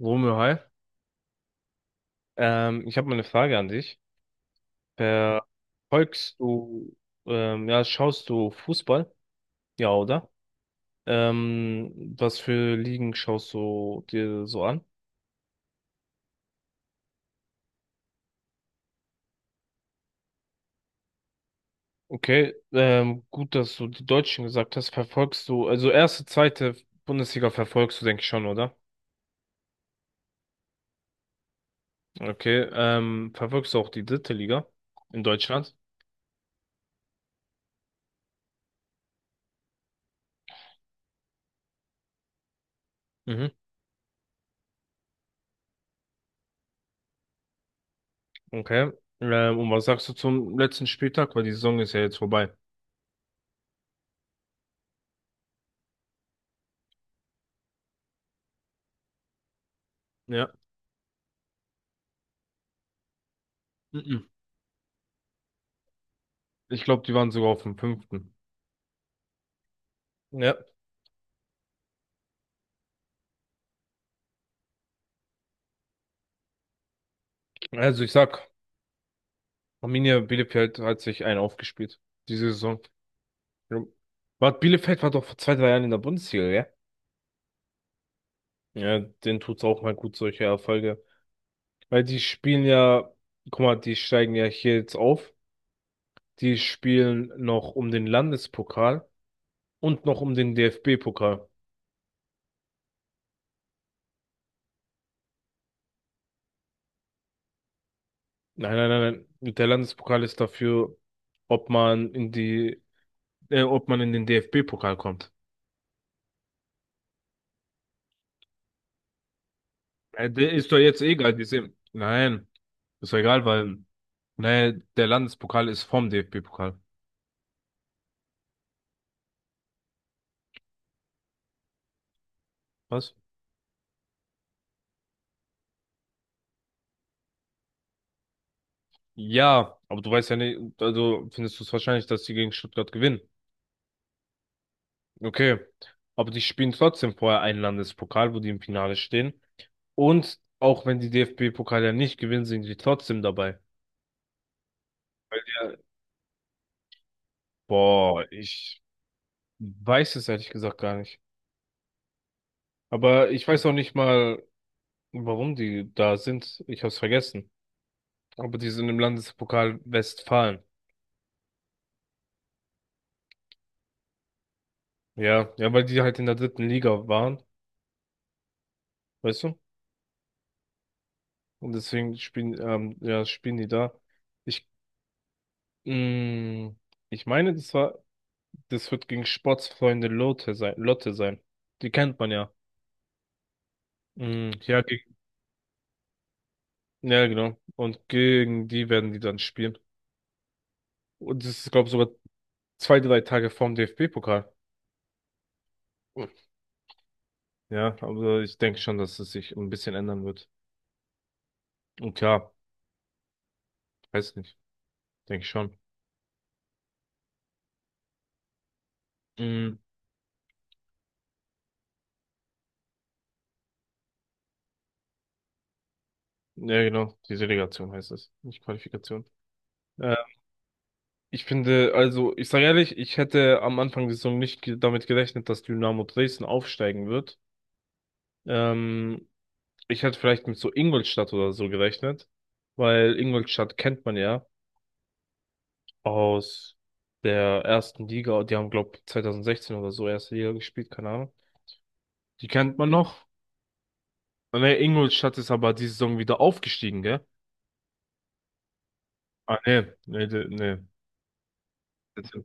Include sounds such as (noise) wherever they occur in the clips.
Romeo, hi. Ich habe mal eine Frage an dich. Verfolgst du, ja, Schaust du Fußball? Ja, oder? Was für Ligen schaust du dir so an? Okay, gut, dass du die Deutschen gesagt hast. Verfolgst du, also erste, zweite Bundesliga verfolgst du, denke ich schon, oder? Okay, verfolgst du auch die dritte Liga in Deutschland? Mhm. Okay. Und was sagst du zum letzten Spieltag? Weil die Saison ist ja jetzt vorbei. Ja. Mhm. Ich glaube, die waren sogar auf dem fünften. Ja, also ich sag, Arminia Bielefeld hat sich einen aufgespielt, diese Saison. Ja. War, Bielefeld war doch vor zwei, drei Jahren in der Bundesliga, ja? Ja, denen tut's auch mal gut, solche Erfolge. Weil die spielen ja, guck mal, die steigen ja hier jetzt auf. Die spielen noch um den Landespokal und noch um den DFB-Pokal. Nein, nein, nein, nein. Der Landespokal ist dafür, ob man in die, ob man in den DFB-Pokal kommt. Der ist doch jetzt egal. Die sind. Nein, ist doch egal, weil nee, der Landespokal ist vom DFB-Pokal. Was? Ja, aber du weißt ja nicht, also findest du es wahrscheinlich, dass die gegen Stuttgart gewinnen. Okay, aber die spielen trotzdem vorher einen Landespokal, wo die im Finale stehen. Und auch wenn die DFB-Pokal ja nicht gewinnen, sind die trotzdem dabei. Weil die- ja, boah, ich weiß es ehrlich gesagt gar nicht. Aber ich weiß auch nicht mal, warum die da sind. Ich hab's vergessen. Aber die sind im Landespokal Westfalen. Ja, ja, weil die halt in der dritten Liga waren, weißt du? Und deswegen spielen, ja, spielen die da. Ich, mh, ich meine, das wird gegen Sportsfreunde Lotte sein, Lotte sein. Die kennt man ja. Mm, ja, gegen, ja, genau. Und gegen die werden die dann spielen. Und das ist, glaube ich, sogar zwei, drei Tage vorm DFB-Pokal. Ja, aber ich denke schon, dass es sich ein bisschen ändern wird. Und klar, weiß nicht, denke ich schon. Mm, ja, genau, die Relegation heißt es, nicht Qualifikation. Äh, Ich finde, also, ich sage ehrlich, ich hätte am Anfang der Saison nicht damit gerechnet, dass Dynamo Dresden aufsteigen wird. Ähm, Ich hätte vielleicht mit so Ingolstadt oder so gerechnet, weil Ingolstadt kennt man ja aus der ersten Liga. Die haben, glaube ich, 2016 oder so erste Liga gespielt, keine Ahnung. Die kennt man noch. Ah, ne, Ingolstadt ist aber diese Saison wieder aufgestiegen, gell? Ah, nee, nee, nee. Nee.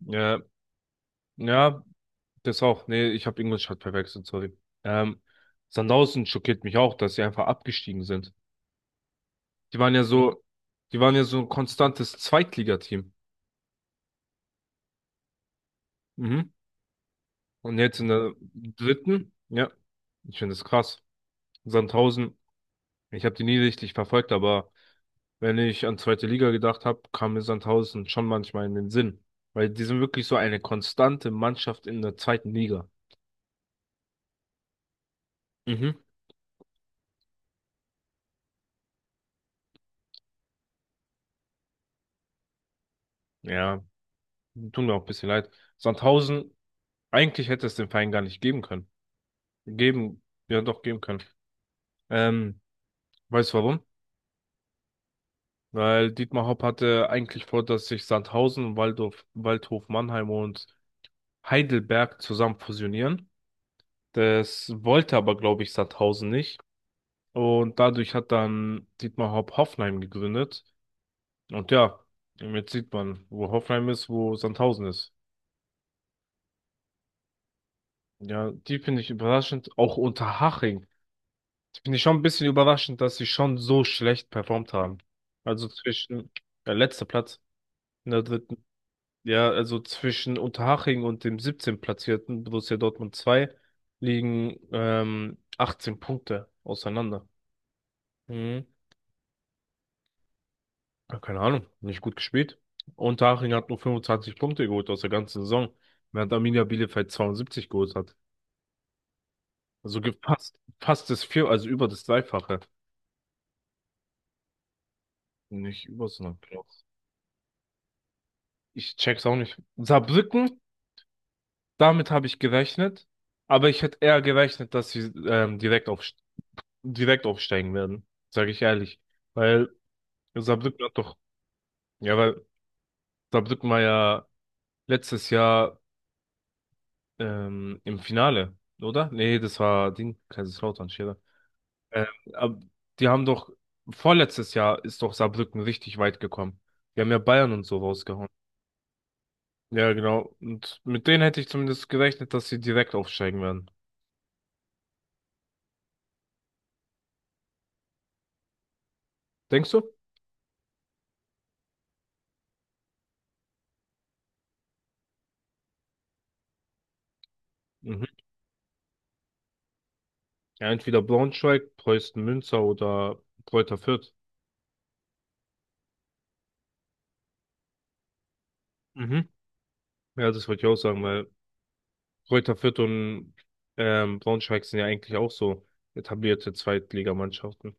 Ja, ja, das auch. Nee, ich habe Ingolstadt verwechselt, sorry. Ähm, Sandhausen schockiert mich auch, dass sie einfach abgestiegen sind. Die waren ja so, die waren ja so ein konstantes Zweitligateam. Mhm. Und jetzt in der dritten, ja, ich finde das krass. Sandhausen, ich habe die nie richtig verfolgt, aber wenn ich an zweite Liga gedacht habe, kam mir Sandhausen schon manchmal in den Sinn. Weil die sind wirklich so eine konstante Mannschaft in der zweiten Liga. Mhm. Ja, tut mir auch ein bisschen leid. Sandhausen, eigentlich hätte es den Verein gar nicht geben können. Geben, ja doch geben können. Ähm, Weißt du warum? Weil Dietmar Hopp hatte eigentlich vor, dass sich Sandhausen, und Waldhof Mannheim und Heidelberg zusammen fusionieren. Das wollte aber, glaube ich, Sandhausen nicht. Und dadurch hat dann Dietmar Hopp Hoffenheim gegründet. Und ja, jetzt sieht man, wo Hoffenheim ist, wo Sandhausen ist. Ja, die finde ich überraschend. Auch Unterhaching. Die finde ich schon ein bisschen überraschend, dass sie schon so schlecht performt haben. Also zwischen der letzte Platz. In der dritten, ja, also zwischen Unterhaching und dem 17. platzierten Borussia Dortmund 2 liegen 18 Punkte auseinander. Mhm. Ja, keine Ahnung, nicht gut gespielt. Unterhaching hat nur 25 Punkte geholt aus der ganzen Saison, während Arminia Bielefeld 72 geholt hat. Also fast, fast das Vier, also über das Dreifache. Nicht über, sondern knapp. Ich check's auch nicht. Saarbrücken, damit habe ich gerechnet, aber ich hätte eher gerechnet, dass sie direkt aufsteigen werden, sage ich ehrlich. Weil Saarbrücken hat doch, ja, weil Saarbrücken war ja letztes Jahr im Finale, oder? Nee, das war Ding, Kaiserslautern, Scherer. Ähm, aber die haben doch, vorletztes Jahr ist doch Saarbrücken richtig weit gekommen. Die haben ja Bayern und so rausgehauen. Ja, genau. Und mit denen hätte ich zumindest gerechnet, dass sie direkt aufsteigen werden. Denkst du? Mhm. Ja, entweder Braunschweig, Preußen Münster oder Kräuter Fürth. Mhm. Ja, das wollte ich auch sagen, weil Kräuter Fürth und Braunschweig sind ja eigentlich auch so etablierte Zweitligamannschaften.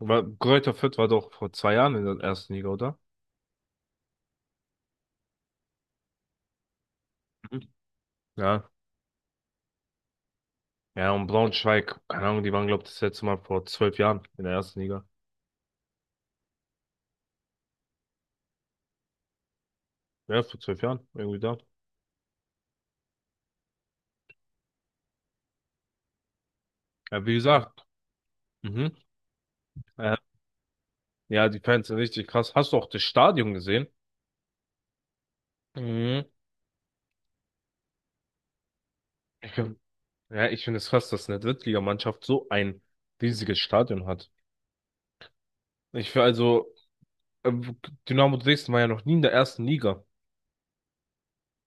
Aber Kräuter Fürth war doch vor zwei Jahren in der ersten Liga, oder? Mhm. Ja. Ja, und Braunschweig, keine Ahnung, die waren, glaube ich, das letzte Mal vor zwölf Jahren in der ersten Liga. Ja, vor zwölf Jahren, irgendwie da. Ja, wie gesagt, mhm. Äh, ja, die Fans sind richtig krass. Hast du auch das Stadion gesehen? Mhm. Ich, find- ja, ich finde es krass, dass eine Drittligamannschaft so ein riesiges Stadion hat. Ich finde also, ähm, Dynamo Dresden war ja noch nie in der ersten Liga.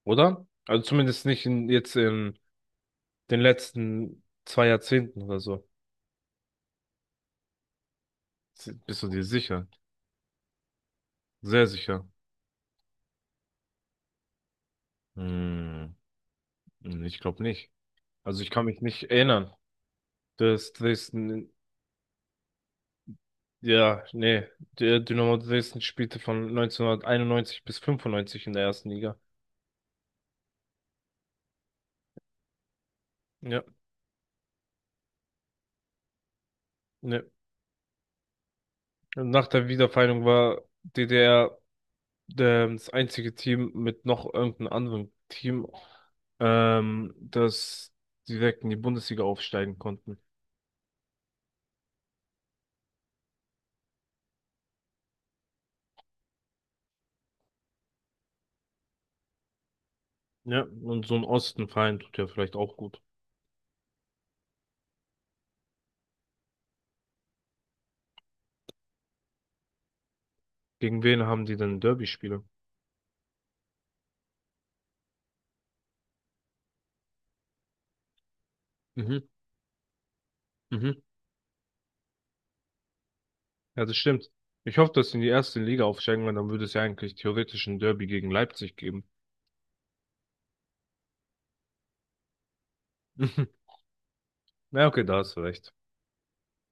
Oder? Also zumindest nicht in, jetzt in den letzten zwei Jahrzehnten oder so. Bist du dir sicher? Sehr sicher. Hm, ich glaube nicht. Also ich kann mich nicht erinnern, dass Dresden, ja, nee, der Dynamo Dresden spielte von 1991 bis 95 in der ersten Liga. Ja, ne. Nach der Wiedervereinigung war DDR das einzige Team mit noch irgendeinem anderen Team, das direkt in die Bundesliga aufsteigen konnten. Ja, und so ein Ostenverein tut ja vielleicht auch gut. Gegen wen haben die denn Derby-Spiele? Mhm, mhm. Ja, das stimmt. Ich hoffe, dass sie in die erste Liga aufsteigen, weil dann würde es ja eigentlich theoretisch ein Derby gegen Leipzig geben. (laughs) Na, okay, da hast du recht.